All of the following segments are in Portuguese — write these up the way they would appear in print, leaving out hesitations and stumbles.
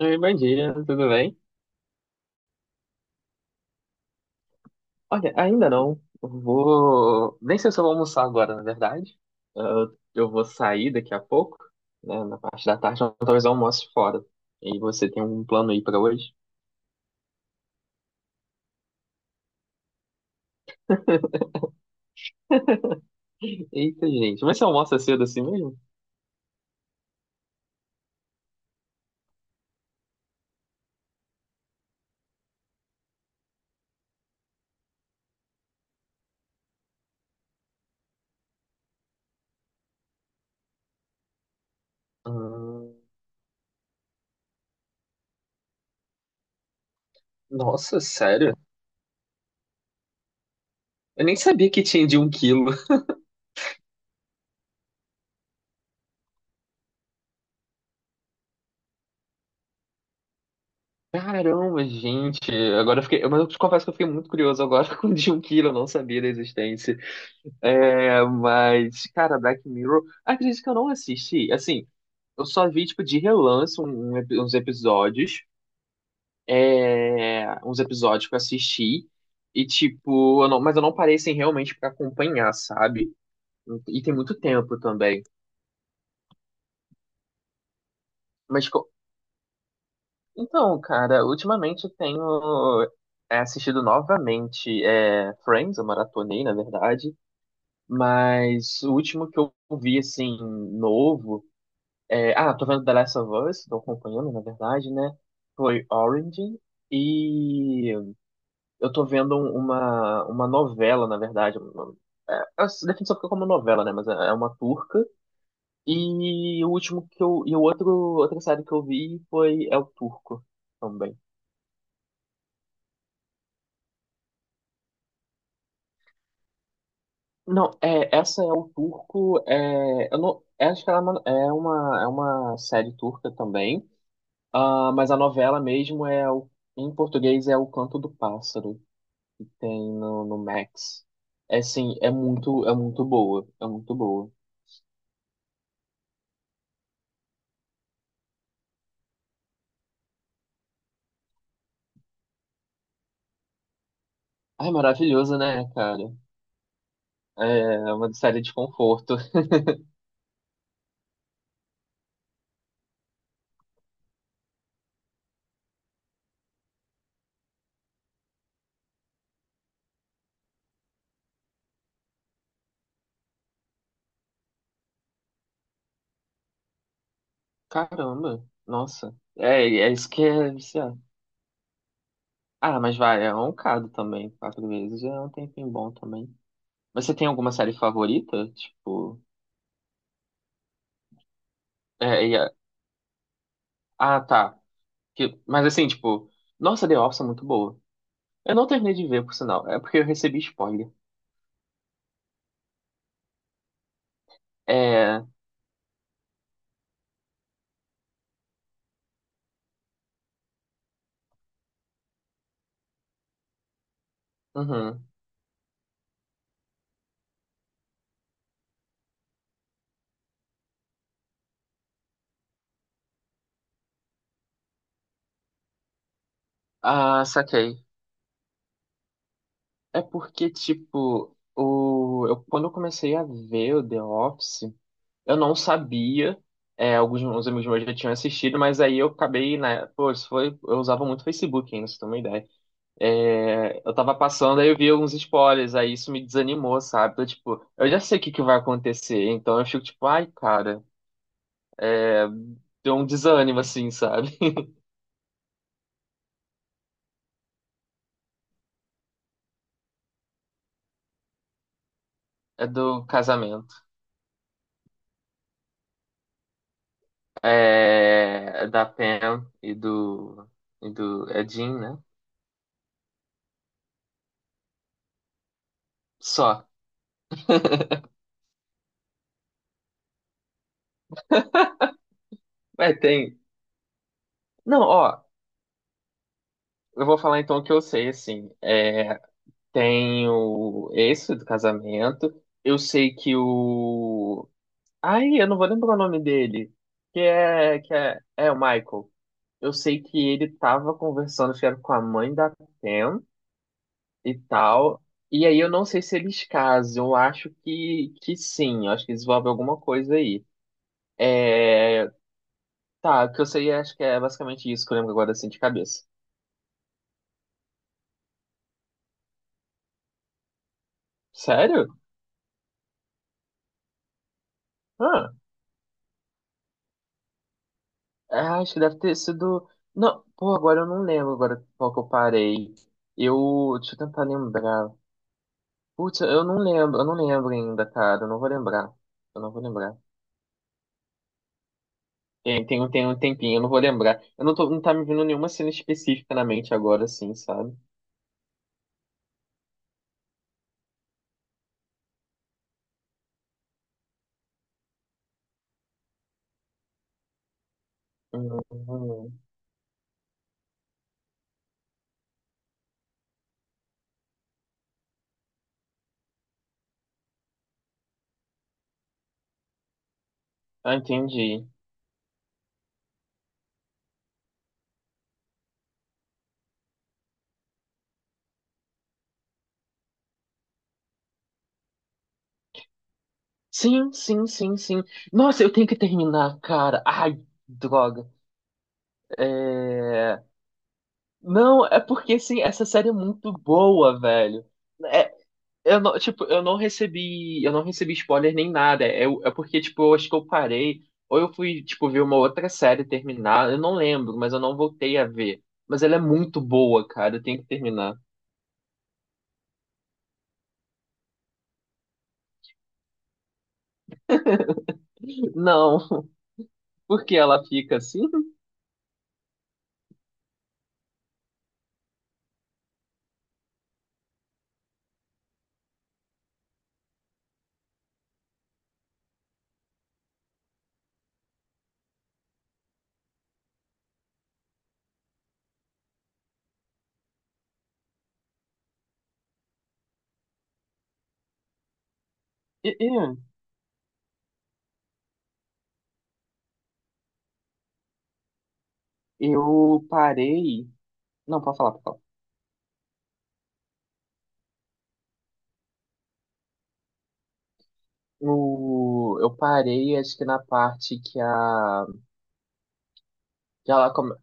Oi, bom dia, tudo bem? Olha, ainda não. Eu vou. Nem sei se eu vou almoçar agora, na verdade. Eu vou sair daqui a pouco, né? Na parte da tarde, então talvez eu almoce fora. E você tem um plano aí pra hoje? Eita, gente. Mas você almoça cedo assim mesmo? Hum, nossa, sério? Eu nem sabia que tinha de um quilo. Caramba, gente. Agora eu fiquei. Mas eu te confesso que eu fiquei muito curioso agora com o de um quilo, eu não sabia da existência. É, mas, cara, Black Mirror, acredito que eu não assisti. Assim, eu só vi, tipo, de relance uns episódios. Uns episódios que eu assisti. E, tipo, eu não- mas eu não parei, assim, realmente pra acompanhar, sabe? E tem muito tempo também. Mas, então, cara, ultimamente eu tenho assistido novamente Friends, eu maratonei, na verdade. Mas o último que eu vi, assim, novo. É, ah, tô vendo The Last of Us, tô acompanhando, na verdade, né? Foi Orange. E eu tô vendo uma novela, na verdade. É, a definição fica como novela, né? Mas é uma turca. E o último que eu. E o outro, outra série que eu vi foi É o Turco também. Não, é, essa é o Turco. É, eu não, é, acho que ela é uma, é uma série turca também. Ah, mas a novela mesmo é o, em português é O Canto do Pássaro. Tem no Max. É sim, é muito boa, é muito boa. Ai, maravilhoso, né, cara? É é uma série de conforto. Caramba, nossa. É, é isso que é viciado. Ah, mas vai, é um bocado também, quatro vezes, já é um tempinho bom também. Mas você tem alguma série favorita? Tipo, é, e a- ah, tá. Mas assim, tipo, nossa, The Office é muito boa. Eu não terminei de ver, por sinal, é porque eu recebi spoiler. É, uhum. Ah, saquei. É porque, tipo, o, eu, quando eu comecei a ver o The Office, eu não sabia. É, alguns uns amigos meus já tinham assistido, mas aí eu acabei, né? Pô, isso foi, eu usava muito Facebook ainda, se tem uma ideia. É, eu tava passando, aí eu vi alguns spoilers, aí isso me desanimou, sabe? Então, tipo, eu já sei o que que vai acontecer, então eu fico tipo, ai, cara, é, deu um desânimo, assim, sabe? É do casamento. É, da Pam e do, é Jim, né? Só. É, tem. Não, ó, eu vou falar então o que eu sei, assim. É, tem o esse do casamento. Eu sei que o. Ai, eu não vou lembrar o nome dele. Que é. É o Michael. Eu sei que ele tava conversando, acho que era com a mãe da Pam e tal. E aí eu não sei se eles casam. Eu acho que sim. Eu acho que desenvolve alguma coisa aí. É, tá, o que eu sei, acho que é basicamente isso que eu lembro agora, assim, de cabeça. Sério? Ah. Ah, acho que deve ter sido. Não, pô, agora eu não lembro agora qual que eu parei. Eu. Deixa eu tentar lembrar. Putz, eu não lembro ainda, cara. Eu não vou lembrar. Eu não vou lembrar. Tem um tempinho, eu não vou lembrar. Eu não tô, Não tá me vindo nenhuma cena específica na mente agora, assim, sabe? Hum, ah, entendi. Sim, sim, sim, sim. Nossa, eu tenho que terminar, cara. Ai, droga. É... Não, é porque, assim, essa série é muito boa, velho. É, eu não, tipo, eu não recebi spoiler nem nada. É, é porque, tipo, eu acho que eu parei, ou eu fui, tipo, ver uma outra série terminar, eu não lembro, mas eu não voltei a ver. Mas ela é muito boa, cara, eu tenho que terminar. Não, porque ela fica assim? E- e- Eu parei. Não, pode falar, pode falar. No, eu parei, acho que na parte que a. Que ela come...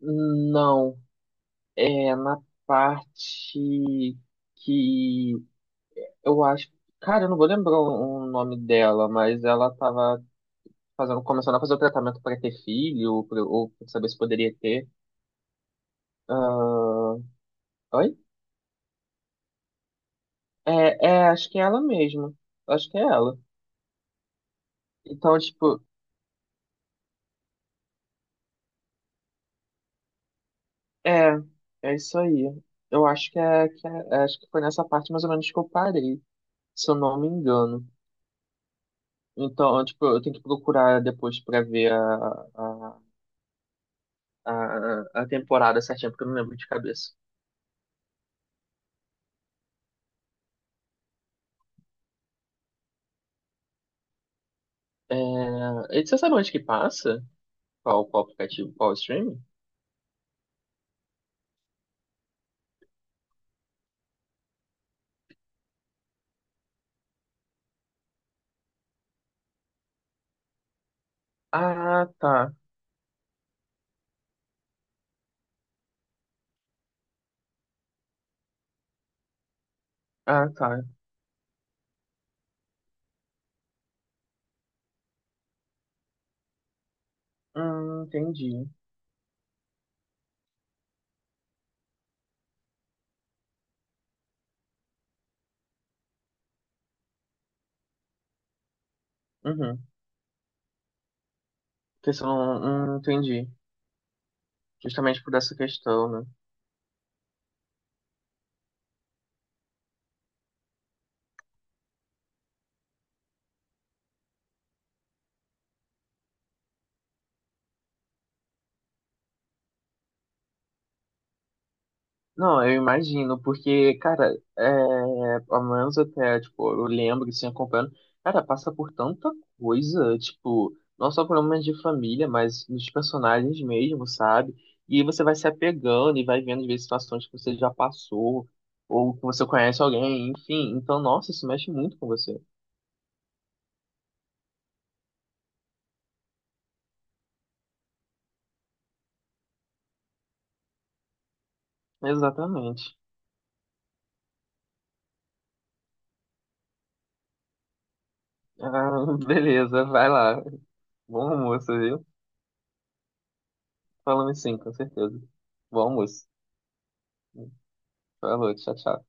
Não, é na parte que eu acho. Cara, eu não vou lembrar o nome dela, mas ela tava fazendo, começando a fazer o tratamento pra ter filho, ou pra saber se poderia ter. Ah, oi? É, é, acho que é ela mesmo. Acho que é ela. Então, tipo, é, é isso aí. Eu acho que é, é, acho que foi nessa parte mais ou menos que eu parei, se eu não me engano. Então, tipo, eu tenho que procurar depois pra ver a, a temporada certinha, porque eu não lembro de cabeça. É, e você sabe onde que passa? Qual, qual aplicativo? Qual streaming? Ah, tá. Ah, tá. Entendi. Uhum. Questão, entendi. Justamente por essa questão, né? Não, eu imagino, porque, cara, é, pelo menos até, tipo, eu lembro, assim, acompanhando, cara, passa por tanta coisa, tipo, não só problemas de família, mas nos personagens mesmo, sabe? E aí você vai se apegando e vai vendo, às vezes, situações que você já passou, ou que você conhece alguém, enfim. Então, nossa, isso mexe muito com você. Exatamente. Ah, beleza, vai lá. Bom almoço, viu? Falamos sim, com certeza. Bom almoço. Falou, tchau, tchau.